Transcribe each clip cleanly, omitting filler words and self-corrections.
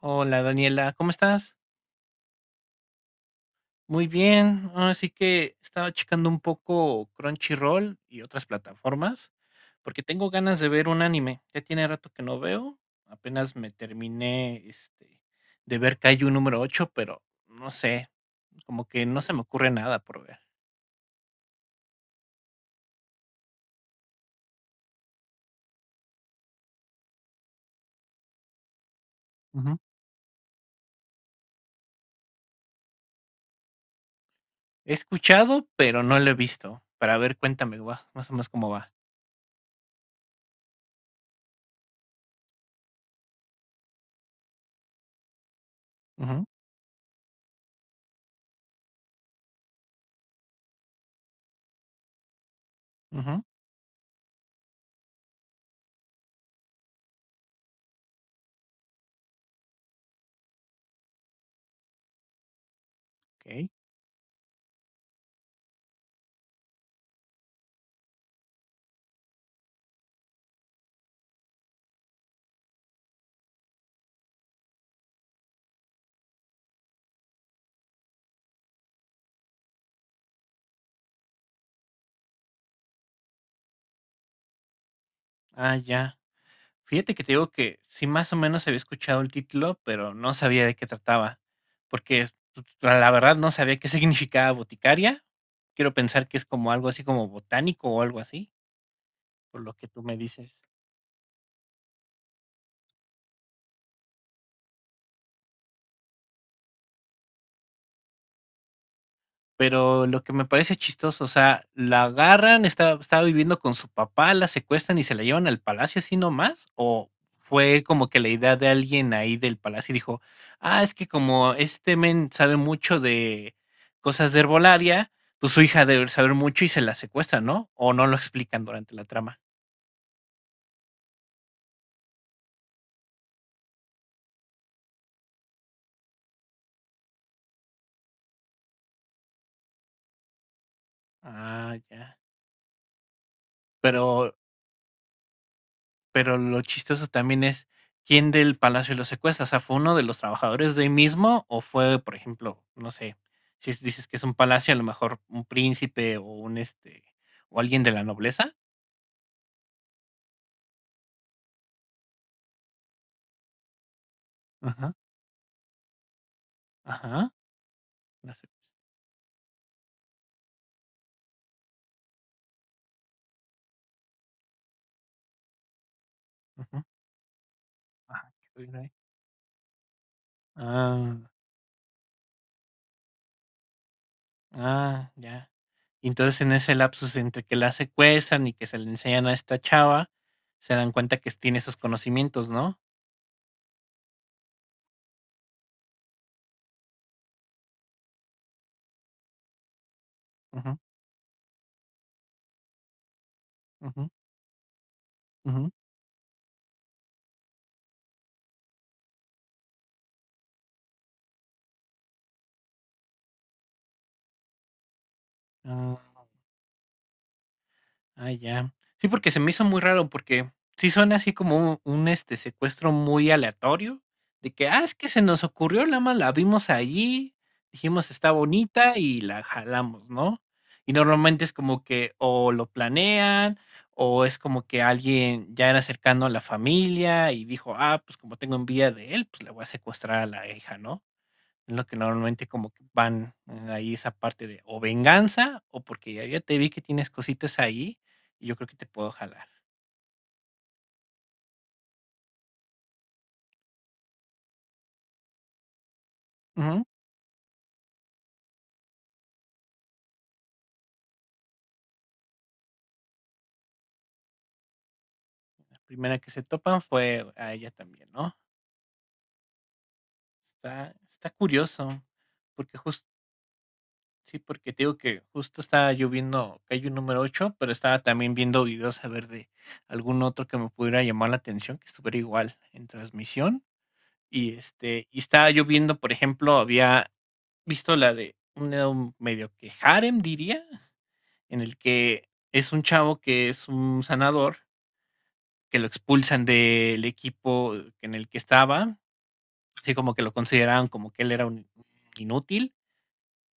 Hola Daniela, ¿cómo estás? Muy bien. Así que estaba checando un poco Crunchyroll y otras plataformas porque tengo ganas de ver un anime. Ya tiene rato que no veo. Apenas me terminé este de ver Kaiju número 8, pero no sé, como que no se me ocurre nada por ver. Ujú. He escuchado, pero no lo he visto. Para ver, cuéntame, más o menos cómo va. Ujú, ujú, ok. Ah, ya. Fíjate que te digo que sí, más o menos había escuchado el título, pero no sabía de qué trataba, porque pues, la verdad no sabía qué significaba boticaria. Quiero pensar que es como algo así como botánico o algo así, por lo que tú me dices. Pero lo que me parece chistoso, o sea, la agarran, está, estaba viviendo con su papá, la secuestran y se la llevan al palacio así nomás, o fue como que la idea de alguien ahí del palacio y dijo, ah, es que como este men sabe mucho de cosas de herbolaria, pues su hija debe saber mucho y se la secuestra, ¿no? O no lo explican durante la trama. Ah, ya. Pero Pero lo chistoso también es, ¿quién del palacio lo secuestra? O sea, ¿fue uno de los trabajadores de ahí mismo o fue, por ejemplo, no sé, si es- dices que es un palacio, a lo mejor un príncipe o un o alguien de la nobleza? Ajá, ajá, la secue ujú, ajá, ¿qué tuvieron ahí? Ah, ah, ya. Y entonces en ese lapsus entre que la secuestran y que se le enseñan a esta chava, se dan cuenta que tiene esos conocimientos, ¿no? Ujú, ujú, ujú. Ah. Ah, ya. Sí, porque se me hizo muy raro, porque sí suena así como un este secuestro muy aleatorio, de que, ah, es que se nos ocurrió, la más la vimos allí, dijimos está bonita y la jalamos, ¿no? Y normalmente es como que o lo planean, o es como que alguien ya era cercano a la familia y dijo, ah, pues como tengo envidia de él, pues le voy a secuestrar a la hija, ¿no? Es lo que normalmente como que van, ahí esa parte de o venganza o porque ya te vi que tienes cositas ahí y yo creo que te puedo jalar. Ujú. La primera que se topan fue a ella también, ¿no? Está curioso, porque jus sí, porque te digo que justo estaba yo viendo Kaiju número 8 pero estaba también viendo videos a ver de algún otro que me pudiera llamar la atención, que estuviera igual en transmisión. Y estaba yo viendo, por ejemplo, había visto la de un medio que harem diría, en el que es un chavo que es un sanador, que lo expulsan del equipo en el que estaba, así como que lo consideraban como que él era un inútil.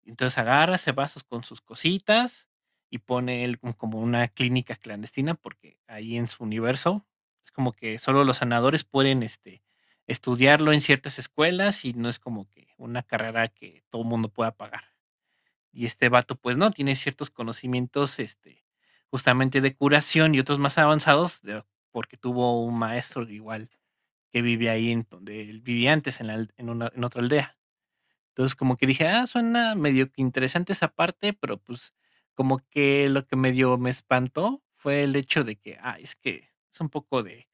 Entonces agarra, se va con sus cositas y pone él como una clínica clandestina, porque ahí en su universo es como que solo los sanadores pueden estudiarlo en ciertas escuelas y no es como que una carrera que todo el mundo pueda pagar. Y este vato, pues no, tiene ciertos conocimientos, justamente de curación y otros más avanzados, porque tuvo un maestro igual que vive ahí en donde él vivía antes, en, la al- en, una, en otra aldea. Entonces como que dije, ah, suena medio que interesante esa parte, pero pues como que lo que medio me espantó fue el hecho de que, ah, es que es un poco de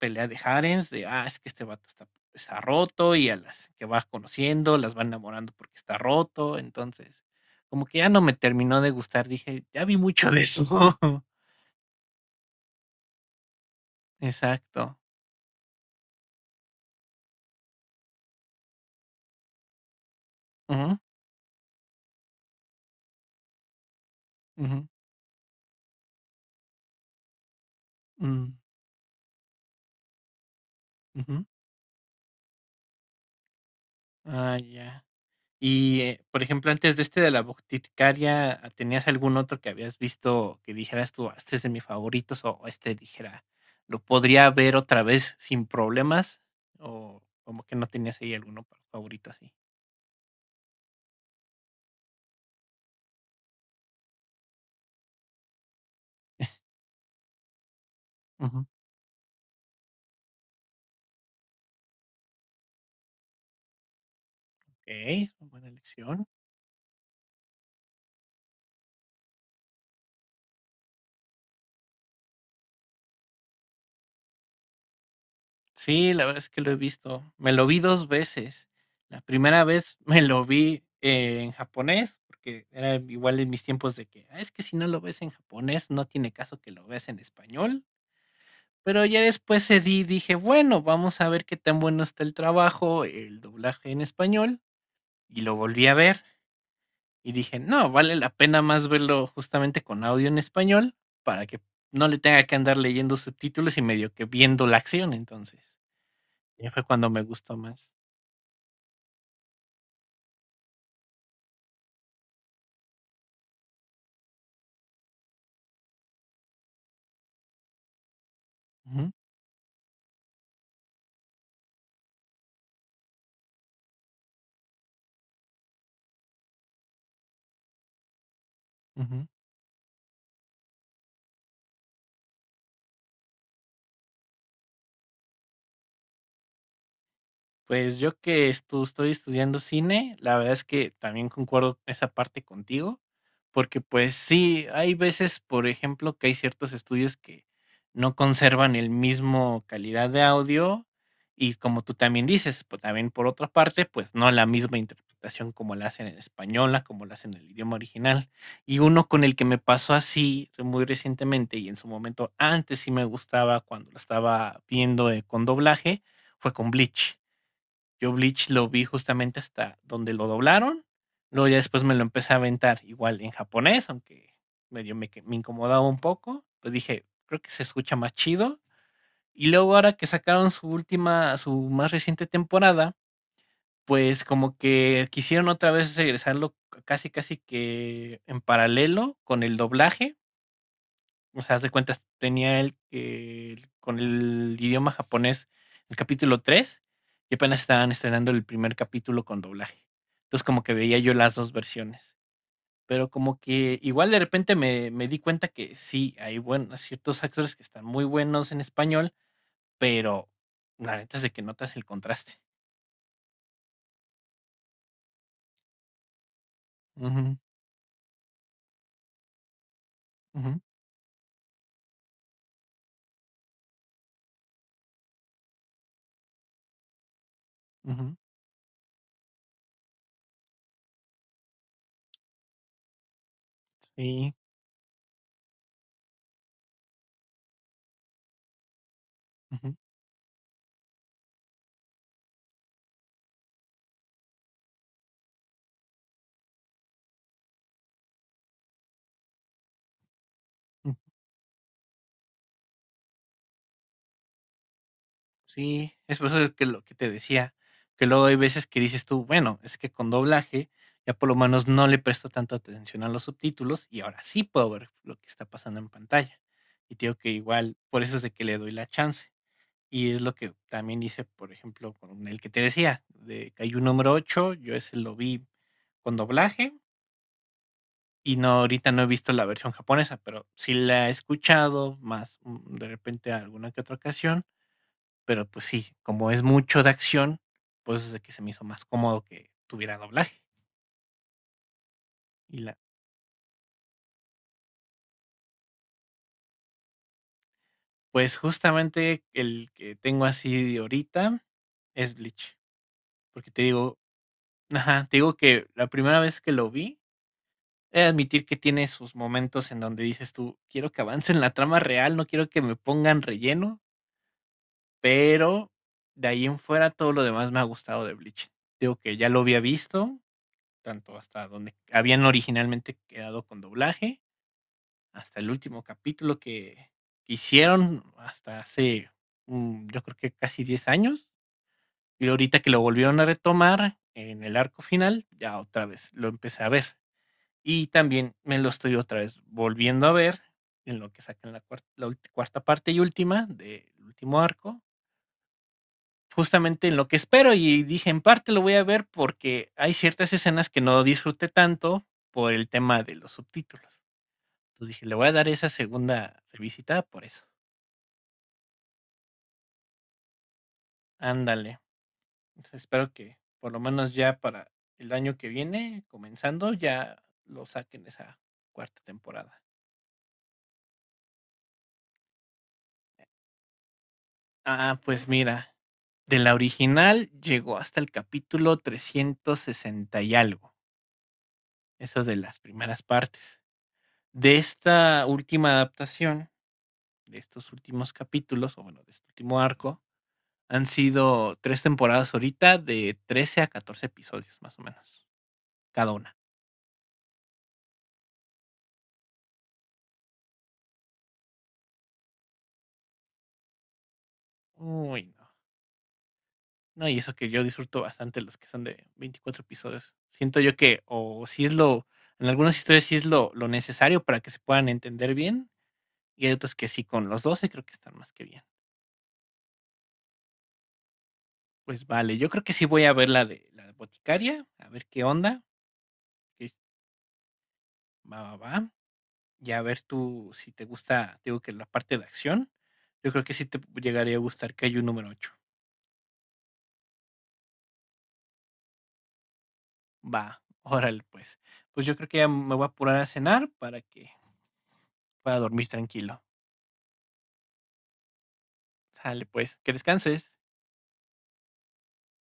pelea de harems, de, ah, es que este vato está, está roto y a las que vas conociendo las van enamorando porque está roto. Entonces, como que ya no me terminó de gustar, dije, ya vi mucho de eso. Exacto. Ujú, ujú, mm, ujú. Ah, ya. Por ejemplo, antes de este de la boticaria, ¿tenías algún otro que habías visto que dijeras tú, "Ah, este es de mis favoritos o este dijera, lo podría ver otra vez sin problemas? ¿O como que no tenías ahí alguno favorito así? Ujú. Okey, buena elección. Sí, la verdad es que lo he visto. Me lo vi 2 veces. La primera vez me lo vi en japonés, porque era igual en mis tiempos de que: "Ah, es que si no lo ves en japonés, no tiene caso que lo veas en español". Pero ya después cedí y dije: "Bueno, vamos a ver qué tan bueno está el trabajo, el doblaje en español", y lo volví a ver. Y dije: "No, vale la pena más verlo justamente con audio en español, para que no le tenga que andar leyendo subtítulos y medio que viendo la acción", entonces, ya fue cuando me gustó más. Ujú, ujú. Pues yo que estu estoy estudiando cine, la verdad es que también concuerdo esa parte contigo, porque, pues sí, hay veces, por ejemplo, que hay ciertos estudios que no conservan el mismo calidad de audio y como tú también dices, pues también por otra parte, pues no la misma interpretación como la hacen en española, como la hacen en el idioma original. Y uno con el que me pasó así muy recientemente y en su momento antes sí me gustaba cuando la estaba viendo, con doblaje, fue con Bleach. Yo Bleach lo vi justamente hasta donde lo doblaron. Luego ya después me lo empecé a aventar igual en japonés, aunque medio me incomodaba un poco. Pues dije, creo que se escucha más chido. Y luego ahora que sacaron su última, su más reciente temporada, pues como que quisieron otra vez regresarlo casi casi que en paralelo con el doblaje, o sea, haz de cuentas, tenía el con el idioma japonés el capítulo 3 y apenas estaban estrenando el primer capítulo con doblaje. Entonces como que veía yo las dos versiones. Pero como que igual de repente me di cuenta que sí, hay buenos, ciertos actores que están muy buenos en español, pero la neta es de que notas el contraste. Ujú, ujú, ujú, sí. Ujú, ujú. Sí, es por eso que lo que te decía, que luego hay veces que dices tú, bueno, es que con doblaje ya por lo menos no le presto tanto atención a los subtítulos y ahora sí puedo ver lo que está pasando en pantalla. Y te digo que igual, por eso es de que le doy la chance. Y es lo que también hice, por ejemplo, con el que te decía, de Caillou número 8, yo ese lo vi con doblaje y no ahorita no he visto la versión japonesa, pero sí la he escuchado más de repente alguna que otra ocasión, pero, pues sí, como es mucho de acción, pues es de que se me hizo más cómodo que tuviera doblaje. Y la Pues, justamente el que tengo así de ahorita es Bleach, porque te digo, ajá, te digo que la primera vez que lo vi, he de admitir que tiene sus momentos en donde dices tú: "Quiero que avancen la trama real, no quiero que me pongan relleno", pero de ahí en fuera todo lo demás me ha gustado de Bleach. Te digo que ya lo había visto, tanto hasta donde habían originalmente quedado con doblaje, hasta el último capítulo que hicieron hasta hace, yo creo que casi 10 años, y ahorita que lo volvieron a retomar en el arco final, ya otra vez lo empecé a ver. Y también me lo estoy otra vez volviendo a ver en lo que sacan la cuarta parte y última del último arco, justamente en lo que espero y dije, en parte lo voy a ver porque hay ciertas escenas que no disfruté tanto por el tema de los subtítulos. Entonces dije, le voy a dar esa segunda revisitada por eso. Ándale. Pues espero que por lo menos ya para el año que viene, comenzando, ya lo saquen esa cuarta temporada. Ah, pues mira, de la original llegó hasta el capítulo 360 y algo, eso de las primeras partes. De esta última adaptación, de estos últimos capítulos, o bueno, de este último arco, han sido tres temporadas ahorita de 13 a 14 episodios más o menos, cada una. Uy, no. No, y eso que yo disfruto bastante los que son de 24 episodios. Siento yo que, o si es lo, en algunas historias sí es lo necesario para que se puedan entender bien, y hay otras que sí, con los 12 creo que están más que bien. Pues vale, yo creo que sí voy a ver la de boticaria, a ver qué onda, que va, va, va, y a ver tú si te gusta, digo que la parte de acción, yo creo que sí te llegaría a gustar que hay un número 8. Va, órale pues. Pues yo creo que ya me voy a apurar a cenar para que pueda dormir tranquilo. Sale pues, que descanses.